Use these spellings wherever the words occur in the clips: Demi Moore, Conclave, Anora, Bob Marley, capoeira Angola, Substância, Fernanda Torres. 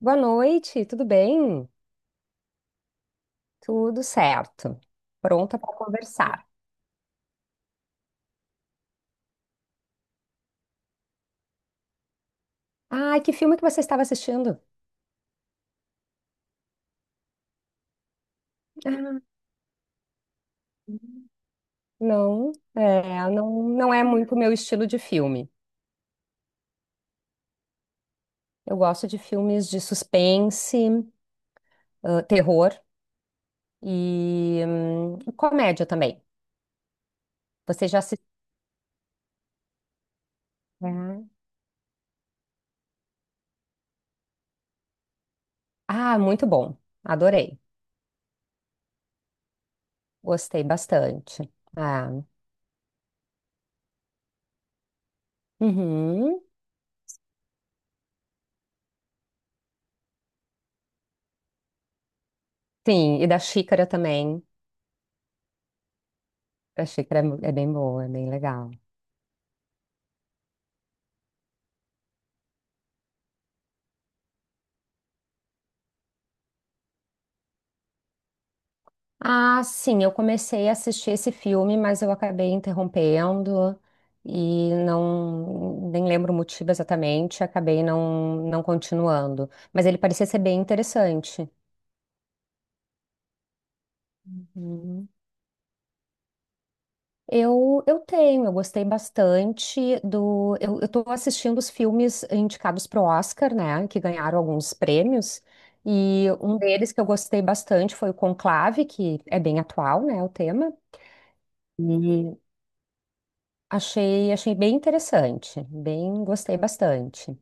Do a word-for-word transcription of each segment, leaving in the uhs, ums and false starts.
Boa noite, tudo bem? Tudo certo. Pronta para conversar. Ah, que filme que você estava assistindo? Ah, não, é, não, não é muito o meu estilo de filme. Eu gosto de filmes de suspense, ah, terror e hum, comédia também. Você já assistiu? Ah, muito bom. Adorei. Gostei bastante. Ah, uhum. Sim, e da Xícara também. A Xícara é mu- é bem boa, é bem legal. Ah, sim, eu comecei a assistir esse filme, mas eu acabei interrompendo e não nem lembro o motivo exatamente, acabei não, não continuando. Mas ele parecia ser bem interessante. Uhum. Eu, eu tenho. Eu gostei bastante do. Eu, eu tô assistindo os filmes indicados pro Oscar, né? Que ganharam alguns prêmios. E um deles que eu gostei bastante foi o Conclave, que é bem atual, né? O tema. Achei, achei bem interessante, bem, gostei bastante.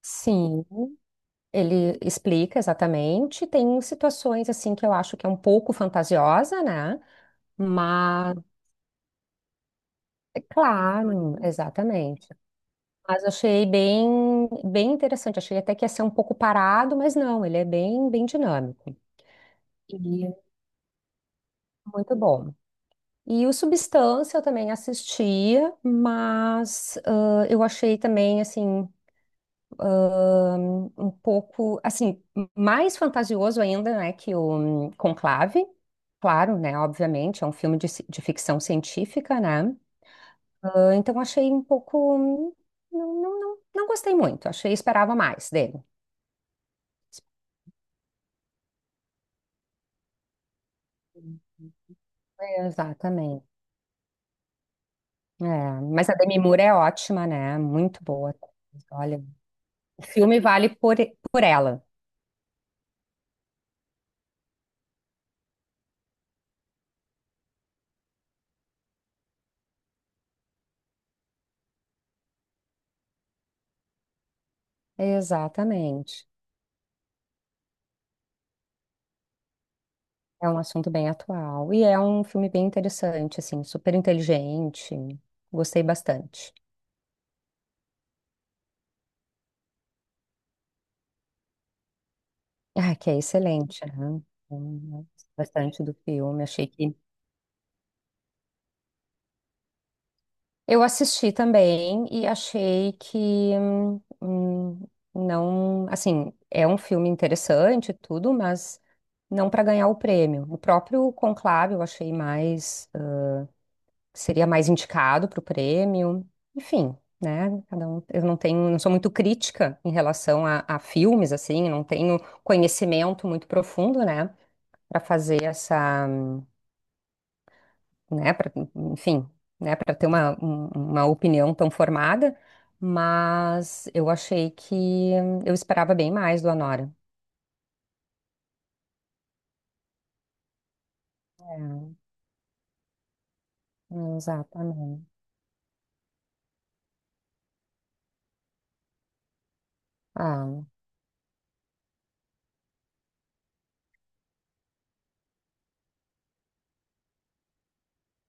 Sim, ele explica exatamente. Tem situações assim que eu acho que é um pouco fantasiosa, né? Mas é claro, exatamente. Mas achei bem, bem interessante. Achei até que ia ser um pouco parado, mas não, ele é bem, bem dinâmico e muito bom. E o Substância eu também assistia, mas ah, eu achei também assim um um pouco, assim, mais fantasioso ainda, né, que o hum, Conclave. Claro, né, obviamente, é um filme de, ci- de ficção científica, né? Ah, então achei um pouco, hum, não, não, não, não gostei muito, achei, esperava mais dele. É, exatamente. É, mas a Demi Moore é ótima, né? Muito boa. Olha, o filme vale por, por ela. Exatamente. É um assunto bem atual e é um filme bem interessante, assim, super inteligente. Gostei bastante. Ah, que é excelente, né? Hum, gostei bastante do filme. Achei que eu assisti também e achei que hum, hum, não, assim, é um filme interessante e tudo, mas não para ganhar o prêmio. O próprio Conclave eu achei mais seria mais indicado para o prêmio. Enfim, né? Cada um, eu não tenho, não sou muito crítica em relação a, a filmes, assim, não tenho conhecimento muito profundo, né? Para fazer essa, né? Pra, enfim, né? Para ter uma, um- uma opinião tão formada. Mas eu achei que eu esperava bem mais do Anora. É, exatamente. Ah,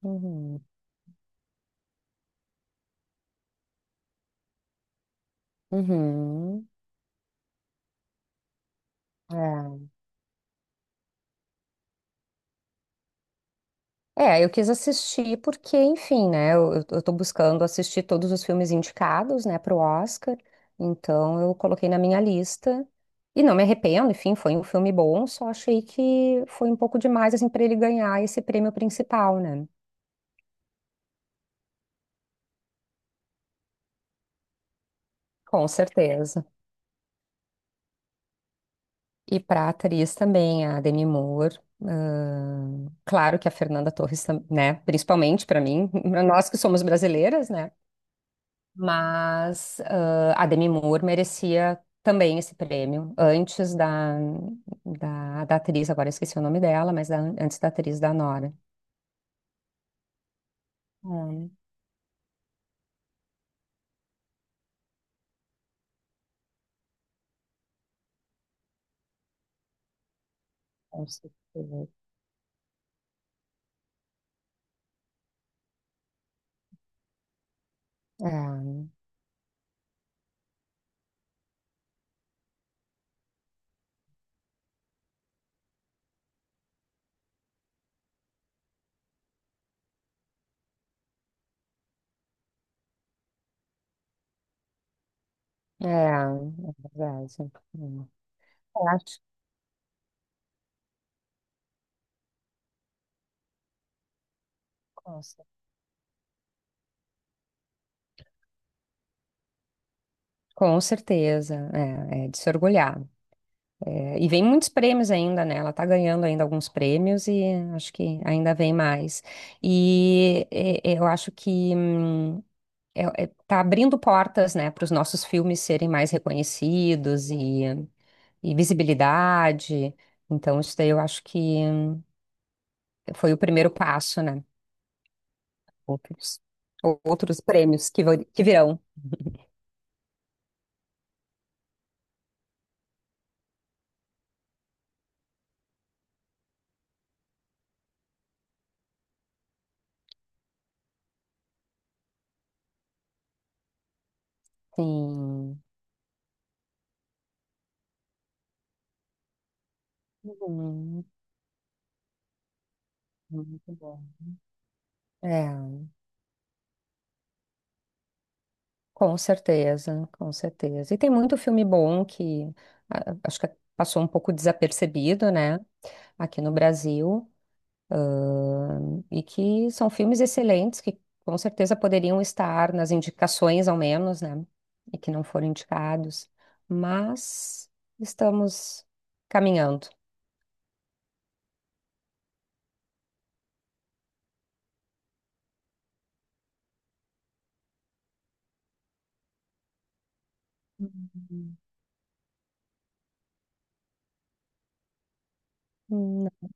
uhum, uhum, é. É, eu quis assistir porque, enfim, né? Eu, eu tô buscando assistir todos os filmes indicados, né, pro Oscar. Então eu coloquei na minha lista. E não me arrependo, enfim, foi um filme bom, só achei que foi um pouco demais, assim, para ele ganhar esse prêmio principal, né? Com certeza. E para atriz também, a Demi Moore. Ahn, claro que a Fernanda Torres, tam- né? Principalmente para mim, pra nós que somos brasileiras, né? Mas ah, a Demi Moore merecia também esse prêmio, antes da, da, da atriz, agora eu esqueci o nome dela, mas da- antes da atriz da Nora. Hum, com certeza, É, é, é verdade. Hum. Eu acho. Com cer- com certeza, é, é de se orgulhar. É, e vem muitos prêmios ainda, né? Ela tá ganhando ainda alguns prêmios e acho que ainda vem mais. E é, eu acho que. Hum, é- é- tá abrindo portas, né, para os nossos filmes serem mais reconhecidos e, e visibilidade. Então, isso daí eu acho que foi o primeiro passo, né? Outros, ou- outros prêmios que, vir- que virão. Sim. Uhum. Muito bom. É, com certeza, com certeza. E tem muito filme bom que ah, acho que passou um pouco desapercebido, né, aqui no Brasil. E que são filmes excelentes que com certeza poderiam estar nas indicações, ao menos, né? E que não foram indicados. Mas estamos caminhando. Não.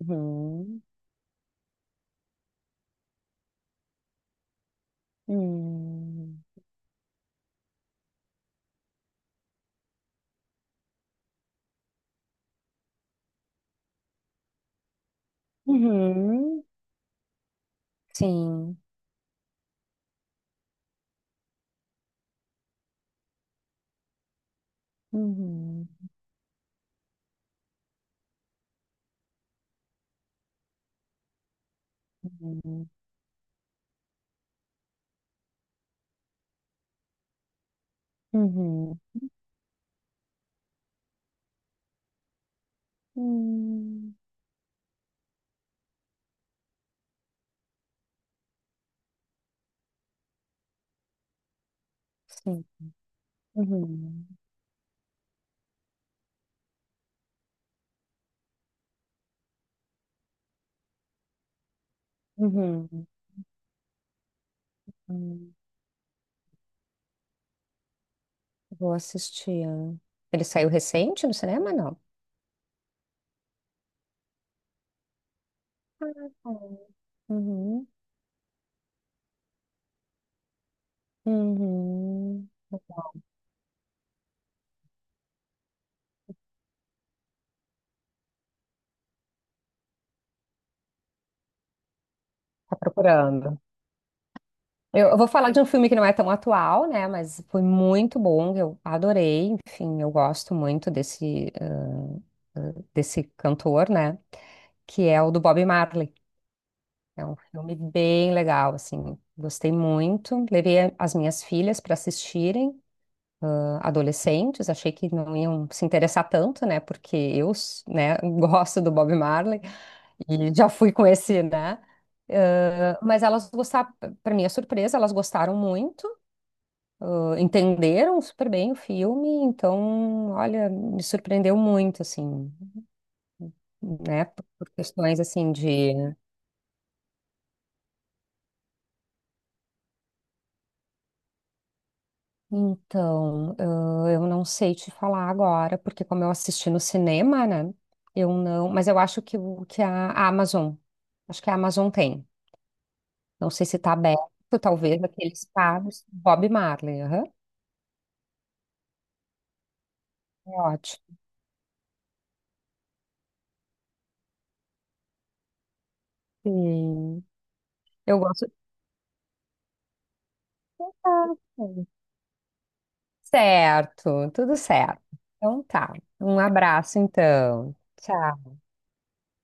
Uhum. Uhum. Uhum. Sim. Uhum. Uhum. Uhum. Uhum. Sim. Uhum. Uhum. Uhum. Vou assistir. Ele saiu recente no cinema, não? Uhum. Uhum. Uhum. Tá procurando. Eu, eu vou falar de um filme que não é tão atual, né? Mas foi muito bom, eu adorei. Enfim, eu gosto muito desse, ah, ah, desse cantor, né? Que é o do Bob Marley. É um filme bem legal, assim. Gostei muito. Levei a- as minhas filhas para assistirem, ah, adolescentes. Achei que não iam se interessar tanto, né? Porque eu, s- né, gosto do Bob Marley e já fui com esse, né? Mas elas gostaram, para minha surpresa, elas gostaram muito, uh, entenderam super bem o filme, então, olha, me surpreendeu muito, assim, né? Por por questões assim de. Então, uh, eu não sei te falar agora, porque como eu assisti no cinema, né? Eu não. Mas eu acho que, o- que a a Amazon, acho que a Amazon tem. Não sei se está aberto, talvez, aqueles pagos. Bob Marley, aham. É ótimo. Sim. Eu gosto. Certo, tudo certo. Então tá. Um abraço então. Tchau.